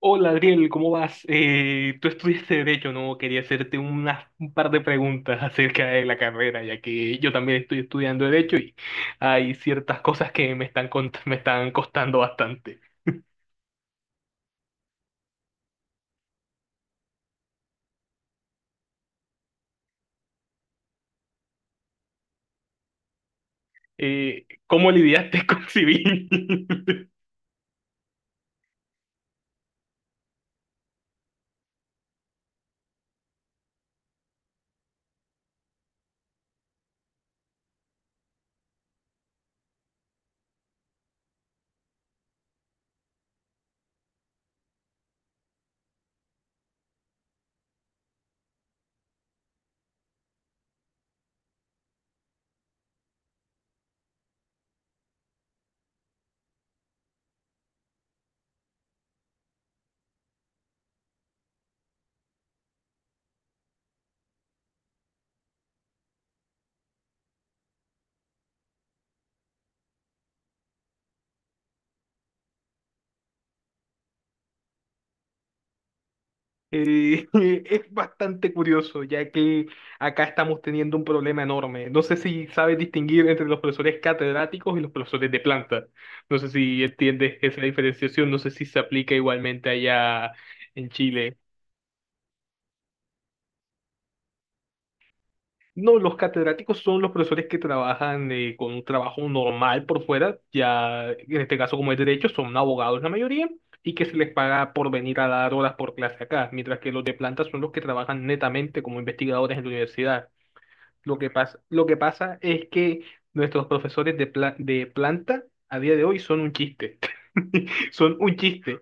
Hola Adriel, ¿cómo vas? Tú estudiaste Derecho, ¿no? Quería hacerte un par de preguntas acerca de la carrera, ya que yo también estoy estudiando Derecho y hay ciertas cosas que me están costando bastante. ¿Cómo lidiaste con civil? Eh, es bastante curioso, ya que acá estamos teniendo un problema enorme. No sé si sabes distinguir entre los profesores catedráticos y los profesores de planta. No sé si entiendes esa diferenciación, no sé si se aplica igualmente allá en Chile. No, los catedráticos son los profesores que trabajan con un trabajo normal por fuera, ya en este caso como es derecho, son abogados la mayoría y que se les paga por venir a dar horas por clase acá, mientras que los de planta son los que trabajan netamente como investigadores en la universidad. Lo que pasa es que nuestros profesores de planta a día de hoy son un chiste. Son un chiste.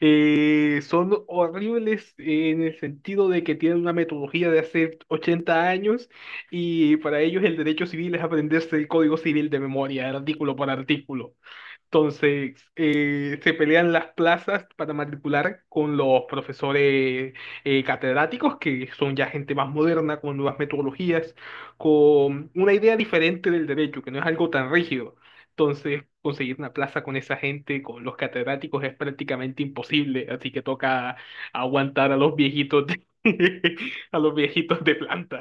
Son horribles en el sentido de que tienen una metodología de hace 80 años y para ellos el derecho civil es aprenderse el código civil de memoria, artículo por artículo. Entonces, se pelean las plazas para matricular con los profesores catedráticos, que son ya gente más moderna, con nuevas metodologías, con una idea diferente del derecho, que no es algo tan rígido. Entonces, conseguir una plaza con esa gente, con los catedráticos, es prácticamente imposible, así que toca aguantar a los a los viejitos de planta.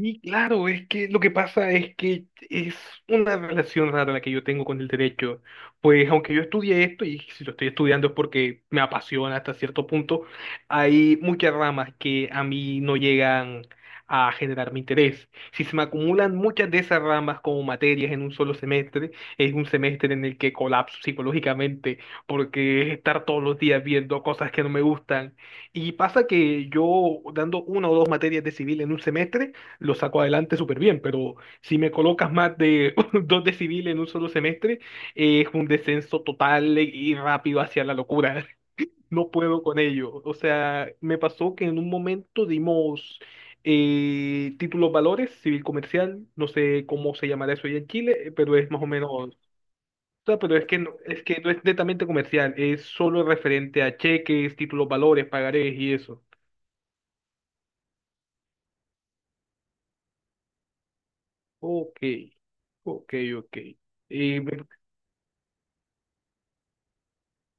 Sí, claro, es que lo que pasa es que es una relación rara la que yo tengo con el derecho. Pues aunque yo estudié esto, y si lo estoy estudiando es porque me apasiona hasta cierto punto, hay muchas ramas que a mí no llegan a generar mi interés. Si se me acumulan muchas de esas ramas como materias en un solo semestre, es un semestre en el que colapso psicológicamente, porque es estar todos los días viendo cosas que no me gustan. Y pasa que yo dando una o dos materias de civil en un semestre, lo saco adelante súper bien, pero si me colocas más de dos de civil en un solo semestre, es un descenso total y rápido hacia la locura. No puedo con ello. O sea, me pasó que en un momento dimos títulos valores, civil comercial, no sé cómo se llamará eso allá en Chile, pero es más o menos, o sea, pero es que no es netamente comercial, es solo referente a cheques, títulos valores, pagarés y eso. Ok, ok, ok. Eh,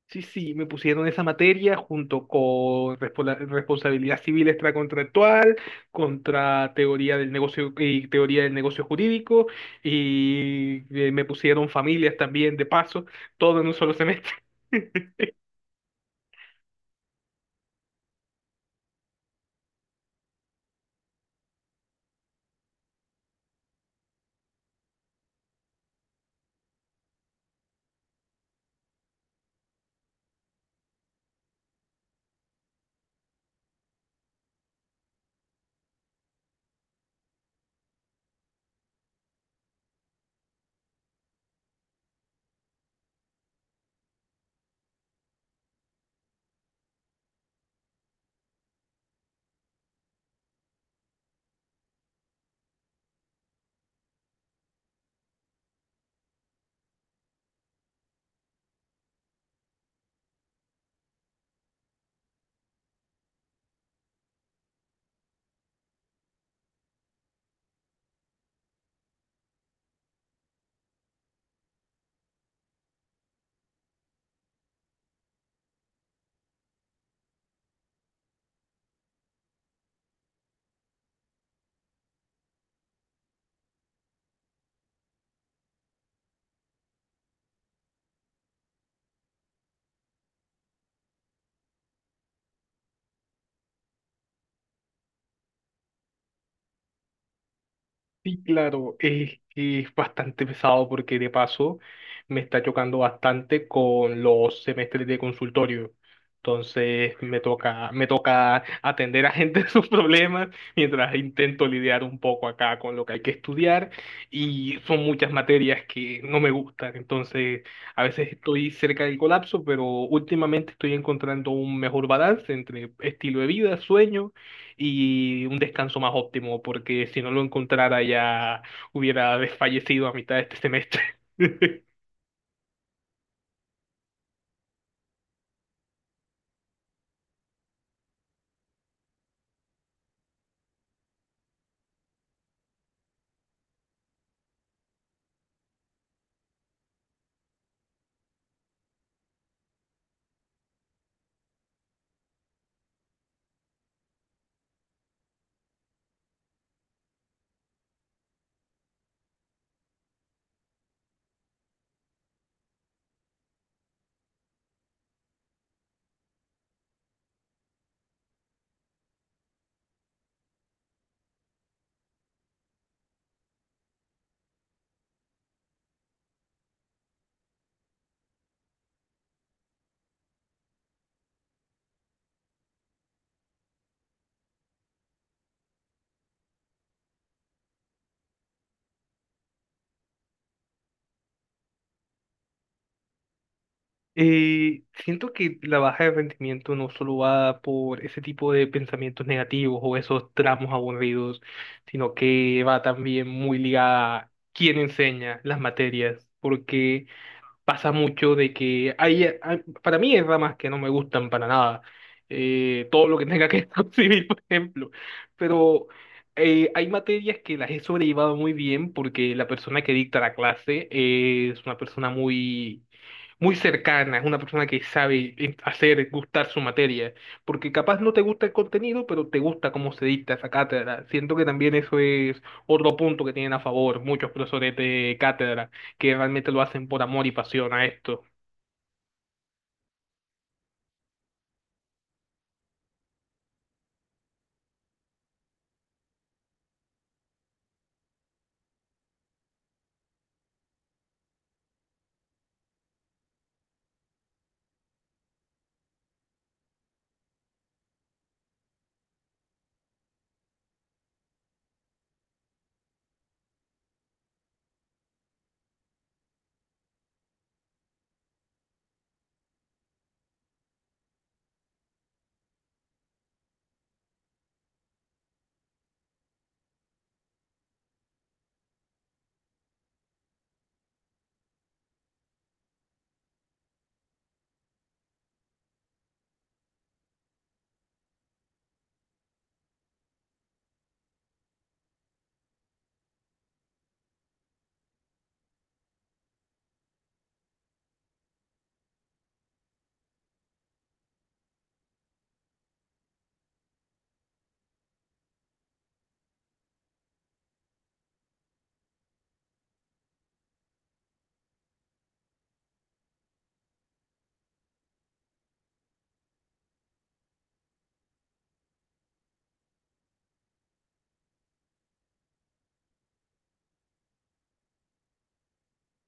Sí, sí, me pusieron esa materia junto con responsabilidad civil extracontractual, contra teoría del negocio y teoría del negocio jurídico, y me pusieron familias también de paso, todo en un solo semestre. Sí, claro, es bastante pesado porque de paso me está chocando bastante con los semestres de consultorio. Entonces me toca atender a gente sus problemas mientras intento lidiar un poco acá con lo que hay que estudiar y son muchas materias que no me gustan. Entonces a veces estoy cerca del colapso, pero últimamente estoy encontrando un mejor balance entre estilo de vida, sueño y un descanso más óptimo, porque si no lo encontrara ya hubiera desfallecido a mitad de este semestre. Siento que la baja de rendimiento no solo va por ese tipo de pensamientos negativos o esos tramos aburridos, sino que va también muy ligada a quién enseña las materias, porque pasa mucho de que para mí hay ramas que no me gustan para nada, todo lo que tenga que ver con civil, por ejemplo, pero hay materias que las he sobrellevado muy bien porque la persona que dicta la clase es una persona muy muy cercana, es una persona que sabe hacer gustar su materia, porque capaz no te gusta el contenido, pero te gusta cómo se dicta esa cátedra. Siento que también eso es otro punto que tienen a favor muchos profesores de cátedra, que realmente lo hacen por amor y pasión a esto.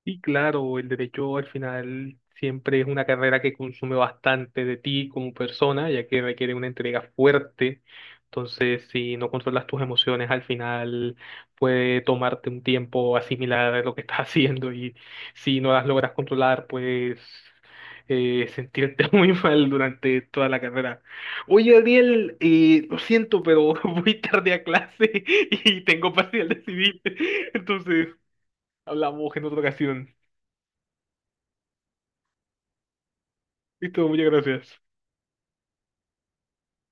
Y claro, el derecho al final siempre es una carrera que consume bastante de ti como persona, ya que requiere una entrega fuerte. Entonces, si no controlas tus emociones, al final puede tomarte un tiempo asimilar lo que estás haciendo y si no las logras controlar, pues sentirte muy mal durante toda la carrera. Oye, Ariel, lo siento, pero voy tarde a clase y tengo parcial de civil. Entonces, hablamos en otra ocasión. Listo, muchas gracias.